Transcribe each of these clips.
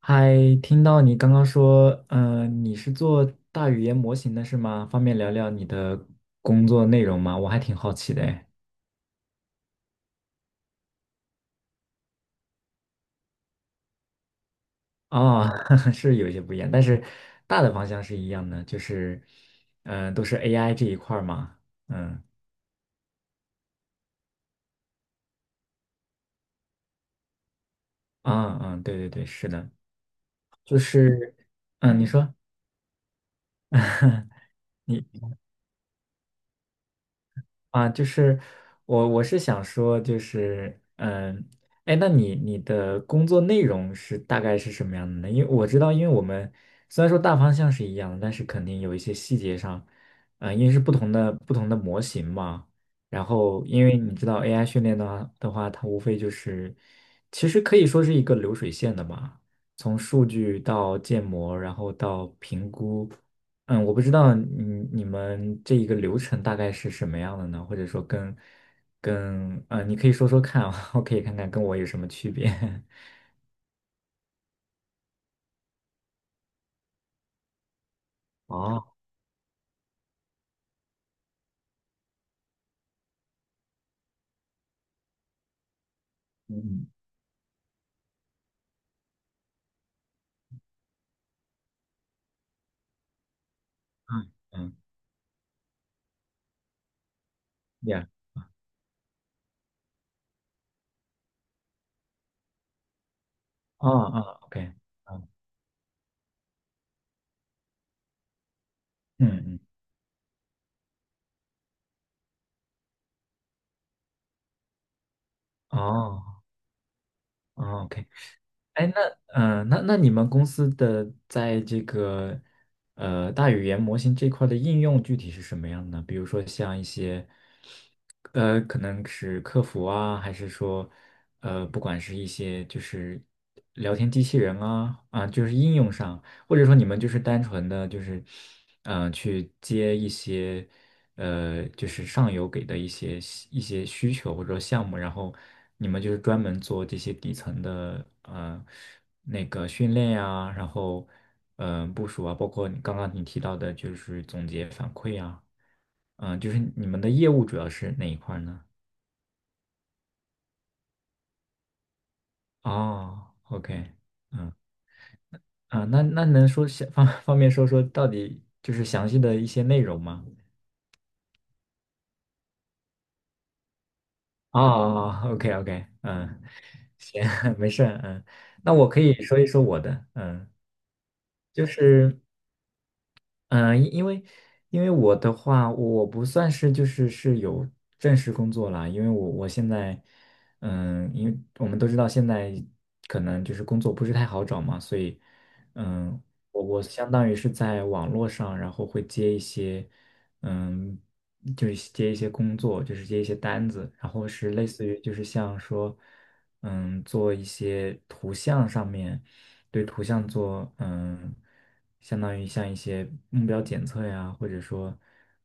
嗨，听到你刚刚说，你是做大语言模型的是吗？方便聊聊你的工作内容吗？我还挺好奇的诶。哦，是有一些不一样，但是大的方向是一样的，都是 AI 这一块儿嘛。嗯嗯，对对对，是的，就是，你说，你。啊，就是我是想说，那你的工作内容是大概是什么样的呢？因为我知道，因为我们虽然说大方向是一样的，但是肯定有一些细节上，嗯，因为是不同的模型嘛。然后，因为你知道 AI 训练的话，它无非就是其实可以说是一个流水线的嘛，从数据到建模，然后到评估。嗯，我不知道你你们这一个流程大概是什么样的呢？或者说跟跟呃，你可以说说看啊，我可以看看跟我有什么区别。哦，嗯嗯嗯，yeah,哦哦，OK,嗯嗯嗯，哦哦，OK,哎，那嗯、呃那那你们公司的在这个大语言模型这块的应用具体是什么样的呢？比如说像一些。呃，可能是客服啊，还是说，呃，不管是一些就是聊天机器人啊，啊，就是应用上，或者说你们就是单纯的就是，嗯、去接一些。呃，就是上游给的一些需求或者说项目，然后你们就是专门做这些底层的那个训练呀，然后部署啊，包括你刚刚提到的就是总结反馈啊，嗯、就是你们的业务主要是哪一块儿呢？哦，OK,啊，那那能说方便说说到底就是详细的一些内容吗？哦，OK OK,嗯。行，没事儿嗯，那我可以说一说我的，嗯，就是。嗯，呃因因为因为我的话，我不算是有正式工作啦，因为我现在，嗯，因为我们都知道现在可能就是工作不是太好找嘛，所以，嗯，我相当于是在网络上，然后会接一些，嗯，就是接一些工作，就是接一些单子，然后是类似于就是像说，嗯，做一些图像上面。对图像做，嗯，相当于像一些目标检测呀，或者说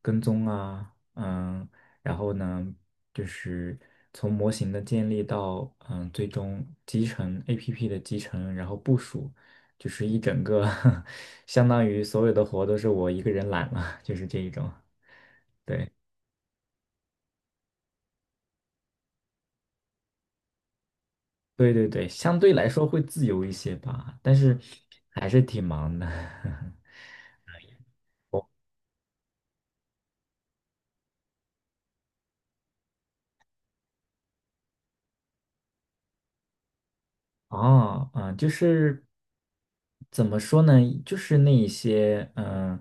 跟踪啊，嗯，然后呢，就是从模型的建立到，嗯，最终集成 APP 的集成，然后部署，就是一整个，相当于所有的活都是我一个人揽了，就是这一种。对，对对对，相对来说会自由一些吧，但是还是挺忙的。哦，嗯，就是怎么说呢？就是那一些嗯、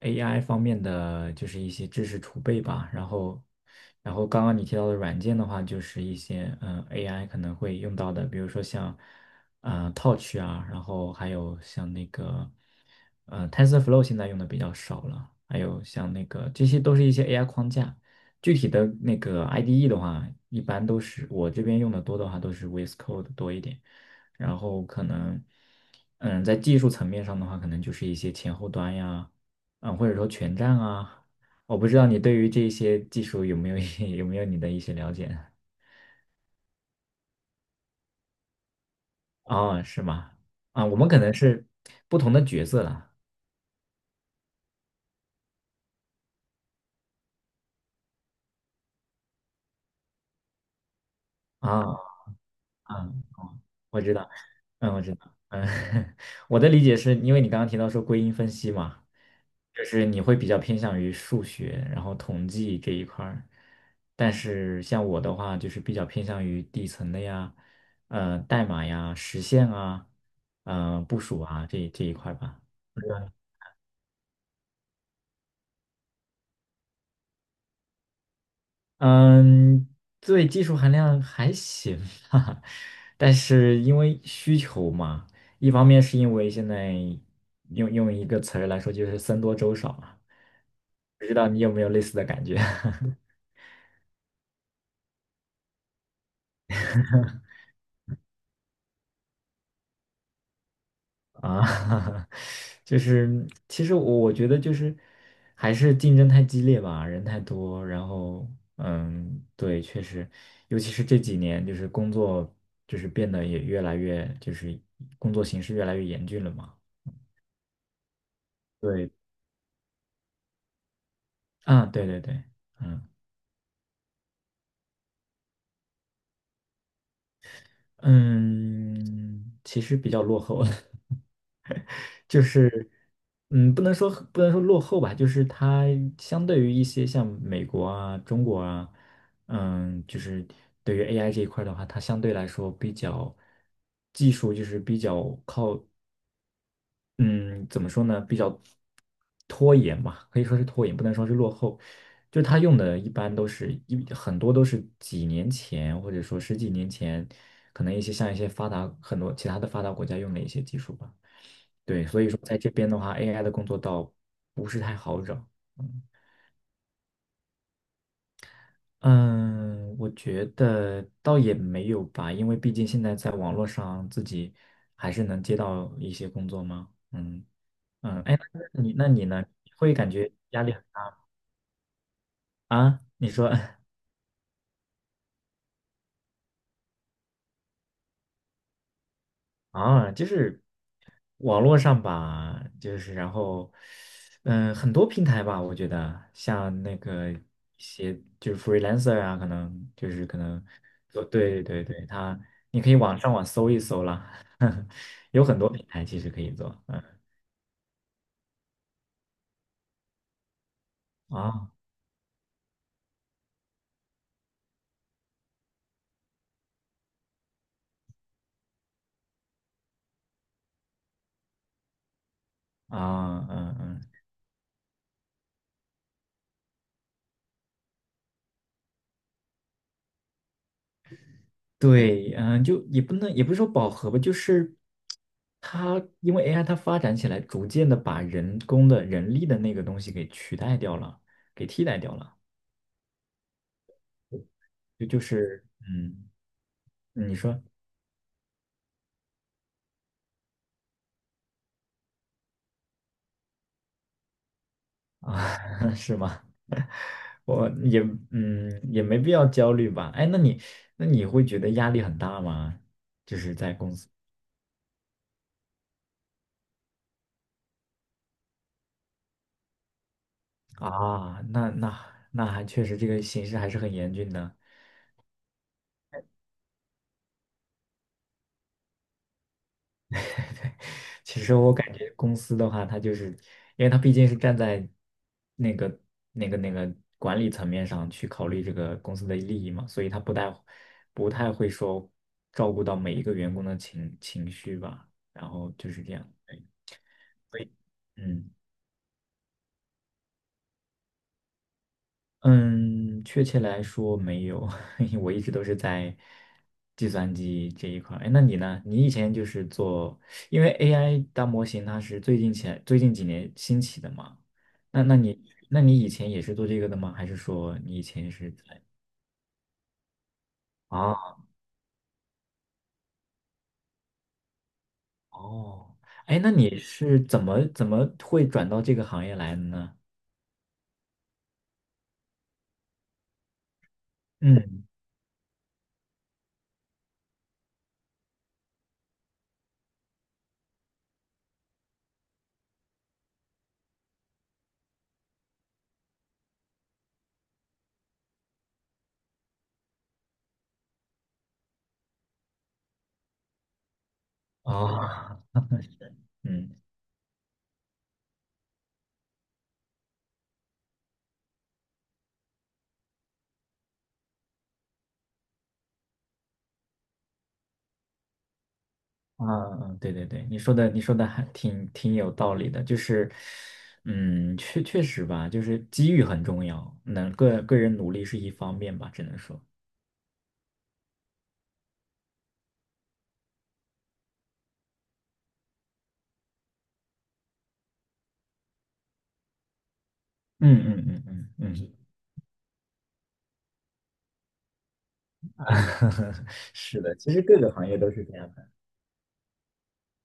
AI 方面的，就是一些知识储备吧。然后，然后刚刚你提到的软件的话，就是一些嗯、AI 可能会用到的，比如说像啊 Touch 啊，然后还有像那个呃 TensorFlow 现在用的比较少了，还有像那个这些都是一些 AI 框架。具体的那个 IDE 的话，一般都是我这边用的多的话都是 VS Code 多一点，然后可能，嗯，在技术层面上的话，可能就是一些前后端呀，嗯，或者说全站啊，我不知道你对于这些技术有没有你的一些了解呢？哦，是吗？啊，我们可能是不同的角色了啊啊。我知道，嗯，我知道，嗯，我的理解是因为你刚刚提到说归因分析嘛，就是你会比较偏向于数学，然后统计这一块儿，但是像我的话，就是比较偏向于底层的呀，呃，代码呀、实现啊，嗯、部署啊这一块吧。嗯，对，技术含量还行吧，但是因为需求嘛，一方面是因为现在用一个词儿来说就是僧多粥少嘛，不知道你有没有类似的感觉 啊？就是其实我觉得就是还是竞争太激烈吧，人太多，然后嗯，对，确实，尤其是这几年就是工作就是变得也越来越就是工作形势越来越严峻了嘛。对，啊，对对对，嗯嗯，其实比较落后，就是嗯，不能说落后吧，就是它相对于一些像美国啊、中国啊，嗯，就是对于 AI 这一块儿的话，它相对来说比较技术就是比较靠嗯，怎么说呢？比较拖延吧，可以说是拖延，不能说是落后。就是他用的，一般都是很多都是几年前，或者说十几年前，可能一些像一些发达很多其他的发达国家用的一些技术吧。对，所以说在这边的话，AI 的工作倒不是太好找。嗯嗯，我觉得倒也没有吧，因为毕竟现在在网络上自己还是能接到一些工作嘛。嗯嗯，哎，那你那你呢？会感觉压力很大？啊？你说 啊，就是网络上吧，就是然后嗯，很多平台吧，我觉得像那个一些就是 freelancer 啊，可能，对对对对，他你可以网搜一搜啦。有很多平台其实可以做，嗯？啊啊嗯嗯，对，嗯，就也不能也不是说饱和吧，就是它因为 AI 它发展起来，逐渐的把人工的人力的那个东西给取代掉了，给替代掉了，就就是嗯，你说啊 是吗？我也嗯也没必要焦虑吧？哎，那你那你会觉得压力很大吗？啊，那那还确实这个形势还是很严峻的。其实我感觉公司的话，它就是，因为它毕竟是站在那个、那个管理层面上去考虑这个公司的利益嘛，所以它不太会说照顾到每一个员工的情绪吧。然后就是这样，对嗯。嗯，确切来说没有，我一直都是在计算机这一块儿。哎，那你呢？你以前就是做，因为 AI 大模型它是最近几年兴起的嘛。那那你那你以前也是做这个的吗？还是说你以前是在啊？哦，哎，那你是怎么会转到这个行业来的呢？嗯，啊 嗯。啊，对对对，你说的还挺有道理的，就是，嗯，确实吧，就是机遇很重要，个人努力是一方面吧，只能说，嗯嗯嗯嗯嗯，嗯 是的，其实各个行业都是这样的。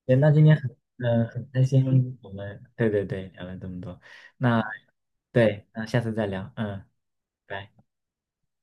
对？那今天很嗯、呃很开心，我们对对对聊了这么多，那对，那下次再聊，嗯。拜。